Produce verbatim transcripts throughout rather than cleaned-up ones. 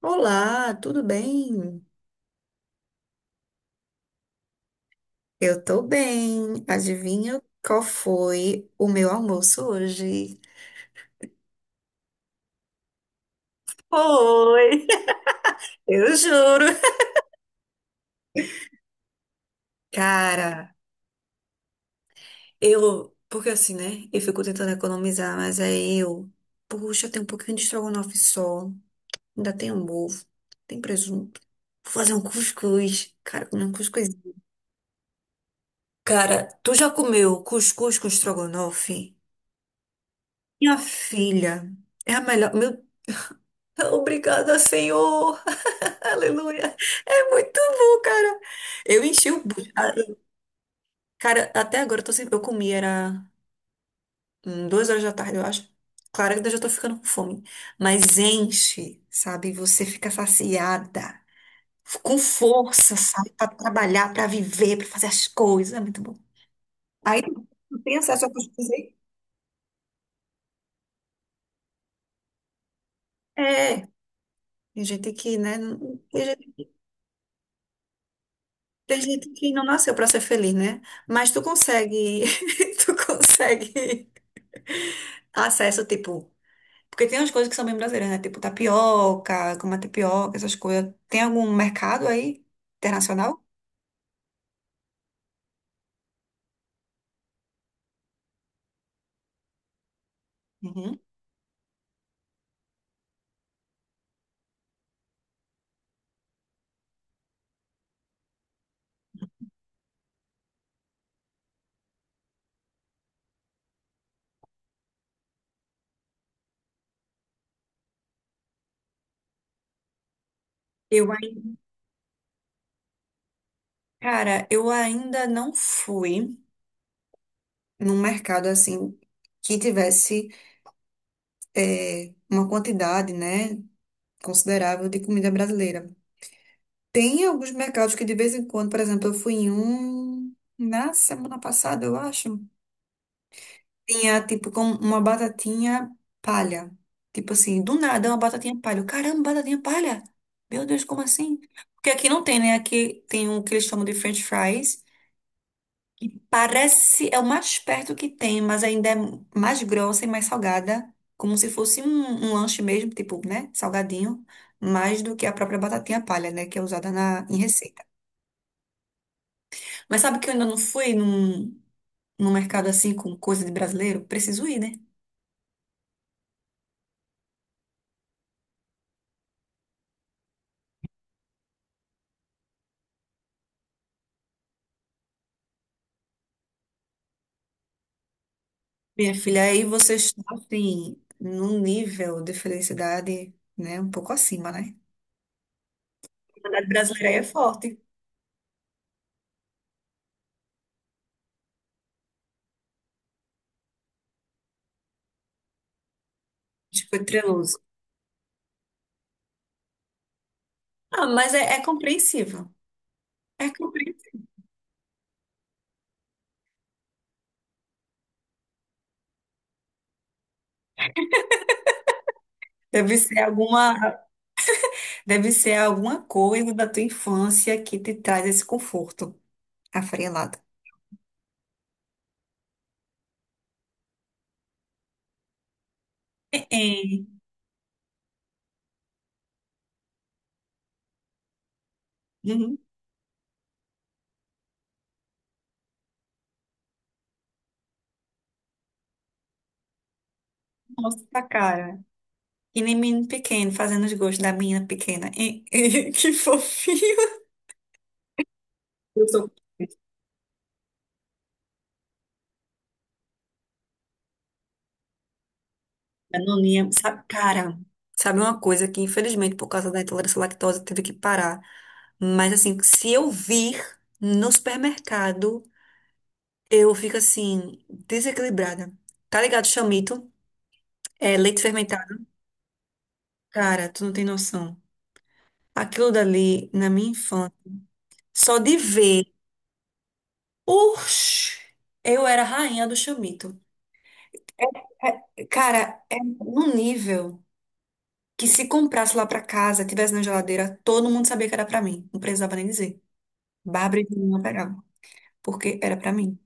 Olá, tudo bem? Eu tô bem. Adivinha qual foi o meu almoço hoje? Oi! Eu juro. Cara, eu, porque assim, né? Eu fico tentando economizar, mas aí eu, puxa, tem um pouquinho de estrogonofe só, ainda tem um ovo, tem presunto. Vou fazer um cuscuz. Cara, comer um cuscuz. Cara, tu já comeu cuscuz com estrogonofe? Minha filha, é a melhor. Meu, obrigada, Senhor. Aleluia. É muito bom, cara. Eu enchi o. bu- a- Cara, até agora eu tô sempre. Eu comi, era hum, duas horas da tarde, eu acho. Claro que eu já tô ficando com fome. Mas enche, sabe? Você fica saciada. Com força, sabe? Pra trabalhar, pra viver, pra fazer as coisas. É muito bom. Aí não tem acesso a coisas aí? É. Tem gente que, né? não- Tem gente, tem gente que não nasceu pra ser feliz, né? Mas tu consegue. Tu consegue acesso, tipo. Porque tem umas coisas que são bem brasileiras, né? Tipo tapioca, como a tapioca, essas coisas. Tem algum mercado aí internacional? Uhum. Eu ainda, cara, eu ainda não fui num mercado assim que tivesse é, uma quantidade, né, considerável de comida brasileira. Tem alguns mercados que de vez em quando, por exemplo, eu fui em um na semana passada, eu acho. Tinha, tipo, com uma batatinha palha. Tipo assim, do nada, uma batatinha palha. Eu, Caramba, batatinha palha? Meu Deus, como assim? Porque aqui não tem, né? Aqui tem o que eles chamam de French fries. E parece, é o mais perto que tem, mas ainda é mais grossa e mais salgada. Como se fosse um, um, lanche mesmo, tipo, né? Salgadinho. Mais do que a própria batatinha palha, né? Que é usada na, em receita. Mas sabe que eu ainda não fui num, num mercado assim com coisa de brasileiro? Preciso ir, né? Minha filha, aí vocês estão, assim, num nível de felicidade, né, um pouco acima, né? A felicidade brasileira aí é forte, tipo, é treloso. Ah, mas é, é compreensível. É compreensível. Deve ser alguma, deve ser alguma coisa da tua infância que te traz esse conforto afarelado. É, é, uhum. Nossa, cara. E nem menino pequeno, fazendo os gostos da menina pequena. É, é, que fofinho. Eu sou. Eu não lembro, sabe, cara, sabe uma coisa que infelizmente por causa da intolerância à lactose teve que parar. Mas assim, se eu vir no supermercado, eu fico assim, desequilibrada. Tá ligado? Chamito, é leite fermentado. Cara, tu não tem noção. Aquilo dali, na minha infância, só de ver, uxi, eu era a rainha do chamito. É, cara, é num nível que se comprasse lá pra casa, tivesse na geladeira, todo mundo sabia que era pra mim. Não precisava nem dizer. Bárbara e Juliana pegavam, porque era pra mim.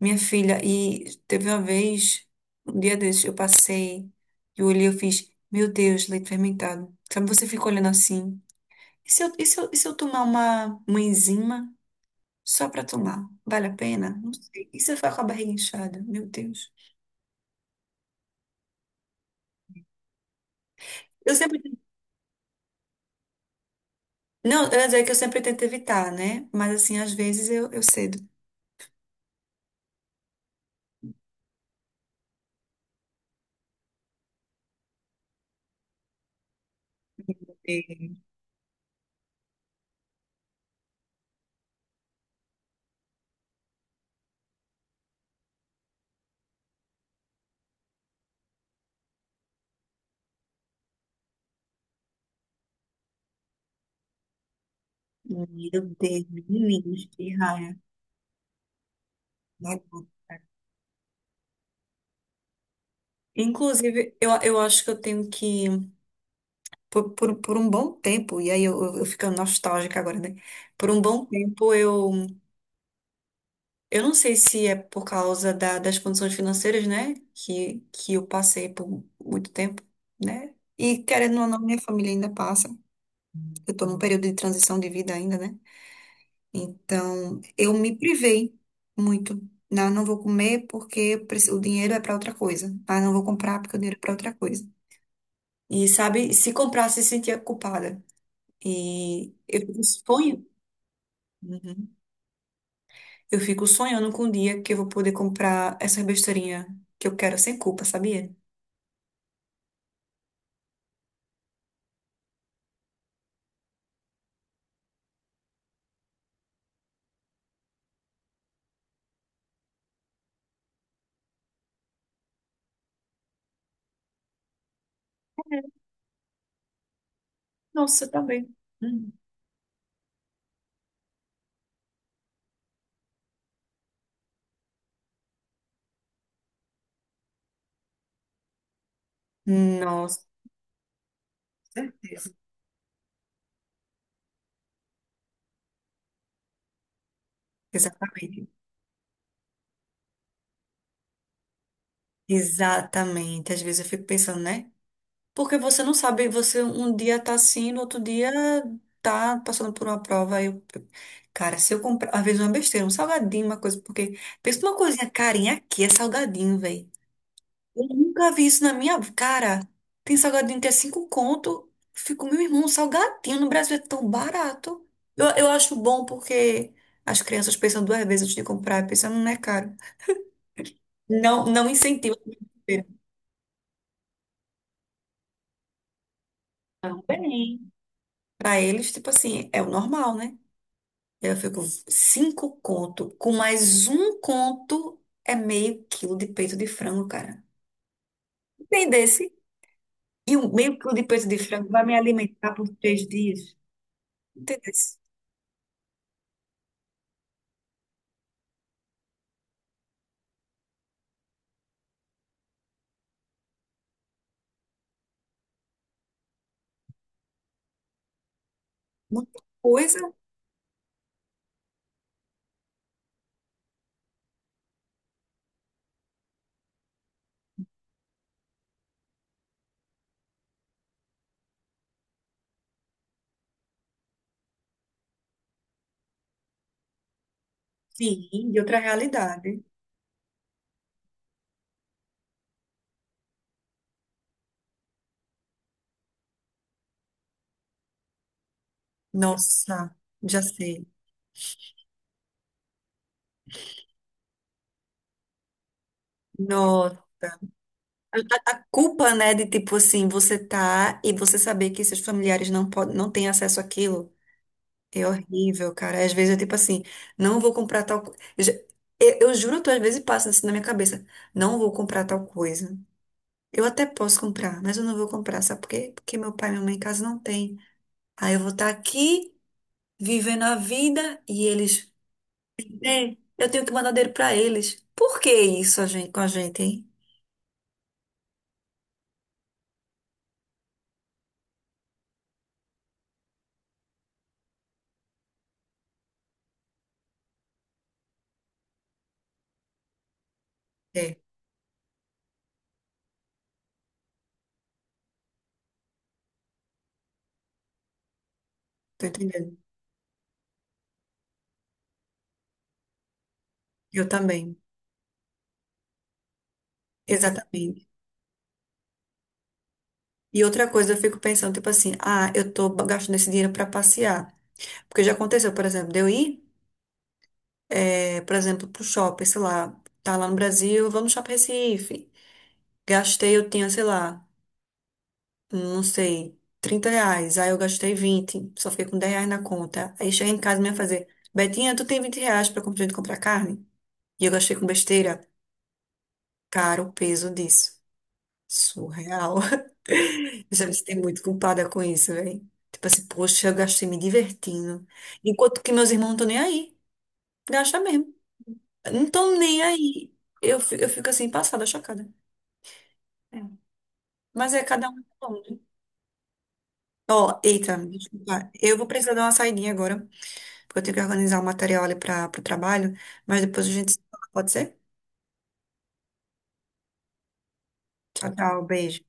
Minha filha, e teve uma vez, um dia desses, eu passei e olhei, eu fiz, meu Deus, leite fermentado. Sabe, você fica olhando assim. E se eu, e se eu, e se eu tomar uma, uma enzima só pra tomar? Vale a pena? Não sei. E se eu ficar com a barriga inchada? Meu Deus. Eu sempre. Não, eu ia dizer que eu sempre tento evitar, né? Mas assim, às vezes eu, eu cedo. É. Meu Deus, meninos, que raia. Inclusive, eu, eu acho que eu tenho que por, por, por um bom tempo, e aí eu, eu, eu ficando nostálgica agora, né? Por um bom tempo eu, eu não sei se é por causa da- das condições financeiras, né? Que, que eu passei por muito tempo, né? E querendo ou não, minha família ainda passa. Eu tô num período de transição de vida ainda, né? Então, eu me privei muito. Não, não vou comer porque eu preciso- o dinheiro é para outra coisa. Ah, não vou comprar porque o dinheiro é para outra coisa. E sabe, se comprasse, sentia culpada. E eu sonho. Uhum. Eu fico sonhando com um dia que eu vou poder comprar essa besteirinha que eu quero sem culpa, sabia? Nossa, eu também. Hum, Nossa, certeza. Exatamente. Exatamente. Às vezes eu fico pensando, né? Porque você não sabe, você um dia tá assim, no outro dia tá passando por uma prova. Aí, Eu... eu- cara, se eu comprar, às vezes uma besteira, um salgadinho, uma coisa, porque pensa numa coisinha carinha aqui, é salgadinho, velho. Eu nunca vi isso na minha cara. Tem salgadinho que é cinco conto. Fico, meu irmão, salgadinho no Brasil é tão barato. Eu, eu acho bom porque as crianças pensam duas vezes antes de comprar, pensando, não é caro. Não, não incentiva. Também. Para eles, tipo assim, é o normal, né? Eu fico cinco conto. Com mais um conto é meio quilo de peito de frango, cara. Entendesse? E um meio quilo de peito de frango vai me alimentar por três dias. Entendeu? Muita coisa, sim, de outra realidade. Nossa, já sei. Nossa. A, a- a culpa, né, de tipo assim, você tá e você saber que seus familiares não podem, não têm acesso àquilo é horrível, cara. Às vezes eu tipo assim, não vou comprar tal coisa. Eu, eu juro, tu às vezes passa isso na minha cabeça. Não vou comprar tal coisa. Eu até posso comprar, mas eu não vou comprar, sabe por quê? Porque meu pai e minha mãe em casa não tem. Aí eu vou estar aqui vivendo a vida e eles. Ei, eu tenho que mandar dinheiro pra eles. Por que isso a gente, com a gente, hein? É, tô entendendo. Eu também. Exatamente. E outra coisa, eu fico pensando, tipo assim, ah, eu tô gastando esse dinheiro pra passear. Porque já aconteceu, por exemplo, de eu ir, é, por exemplo, pro shopping, sei lá, tá lá no Brasil, vamos no shopping Recife. Gastei, eu tinha, sei lá. Não sei, trinta reais. Aí eu gastei vinte, só fiquei com dez reais na conta. Aí cheguei em casa e me ia fazer, Betinha, tu tem vinte reais pra comprar, comprar carne? E eu gastei com besteira. Cara, o peso disso. Surreal. Eu já me sinto muito culpada com isso, velho. Tipo assim, poxa, eu gastei me divertindo. Enquanto que meus irmãos não estão nem aí. Gasta mesmo. Não estão nem aí. Eu, fi- eu fico assim, passada, chocada. É. Mas é cada um. Ó, eita, me desculpa. Eu vou precisar dar uma saidinha agora, porque eu tenho que organizar o material ali para o trabalho, mas depois a gente se fala, pode ser? Tchau, tchau, beijo.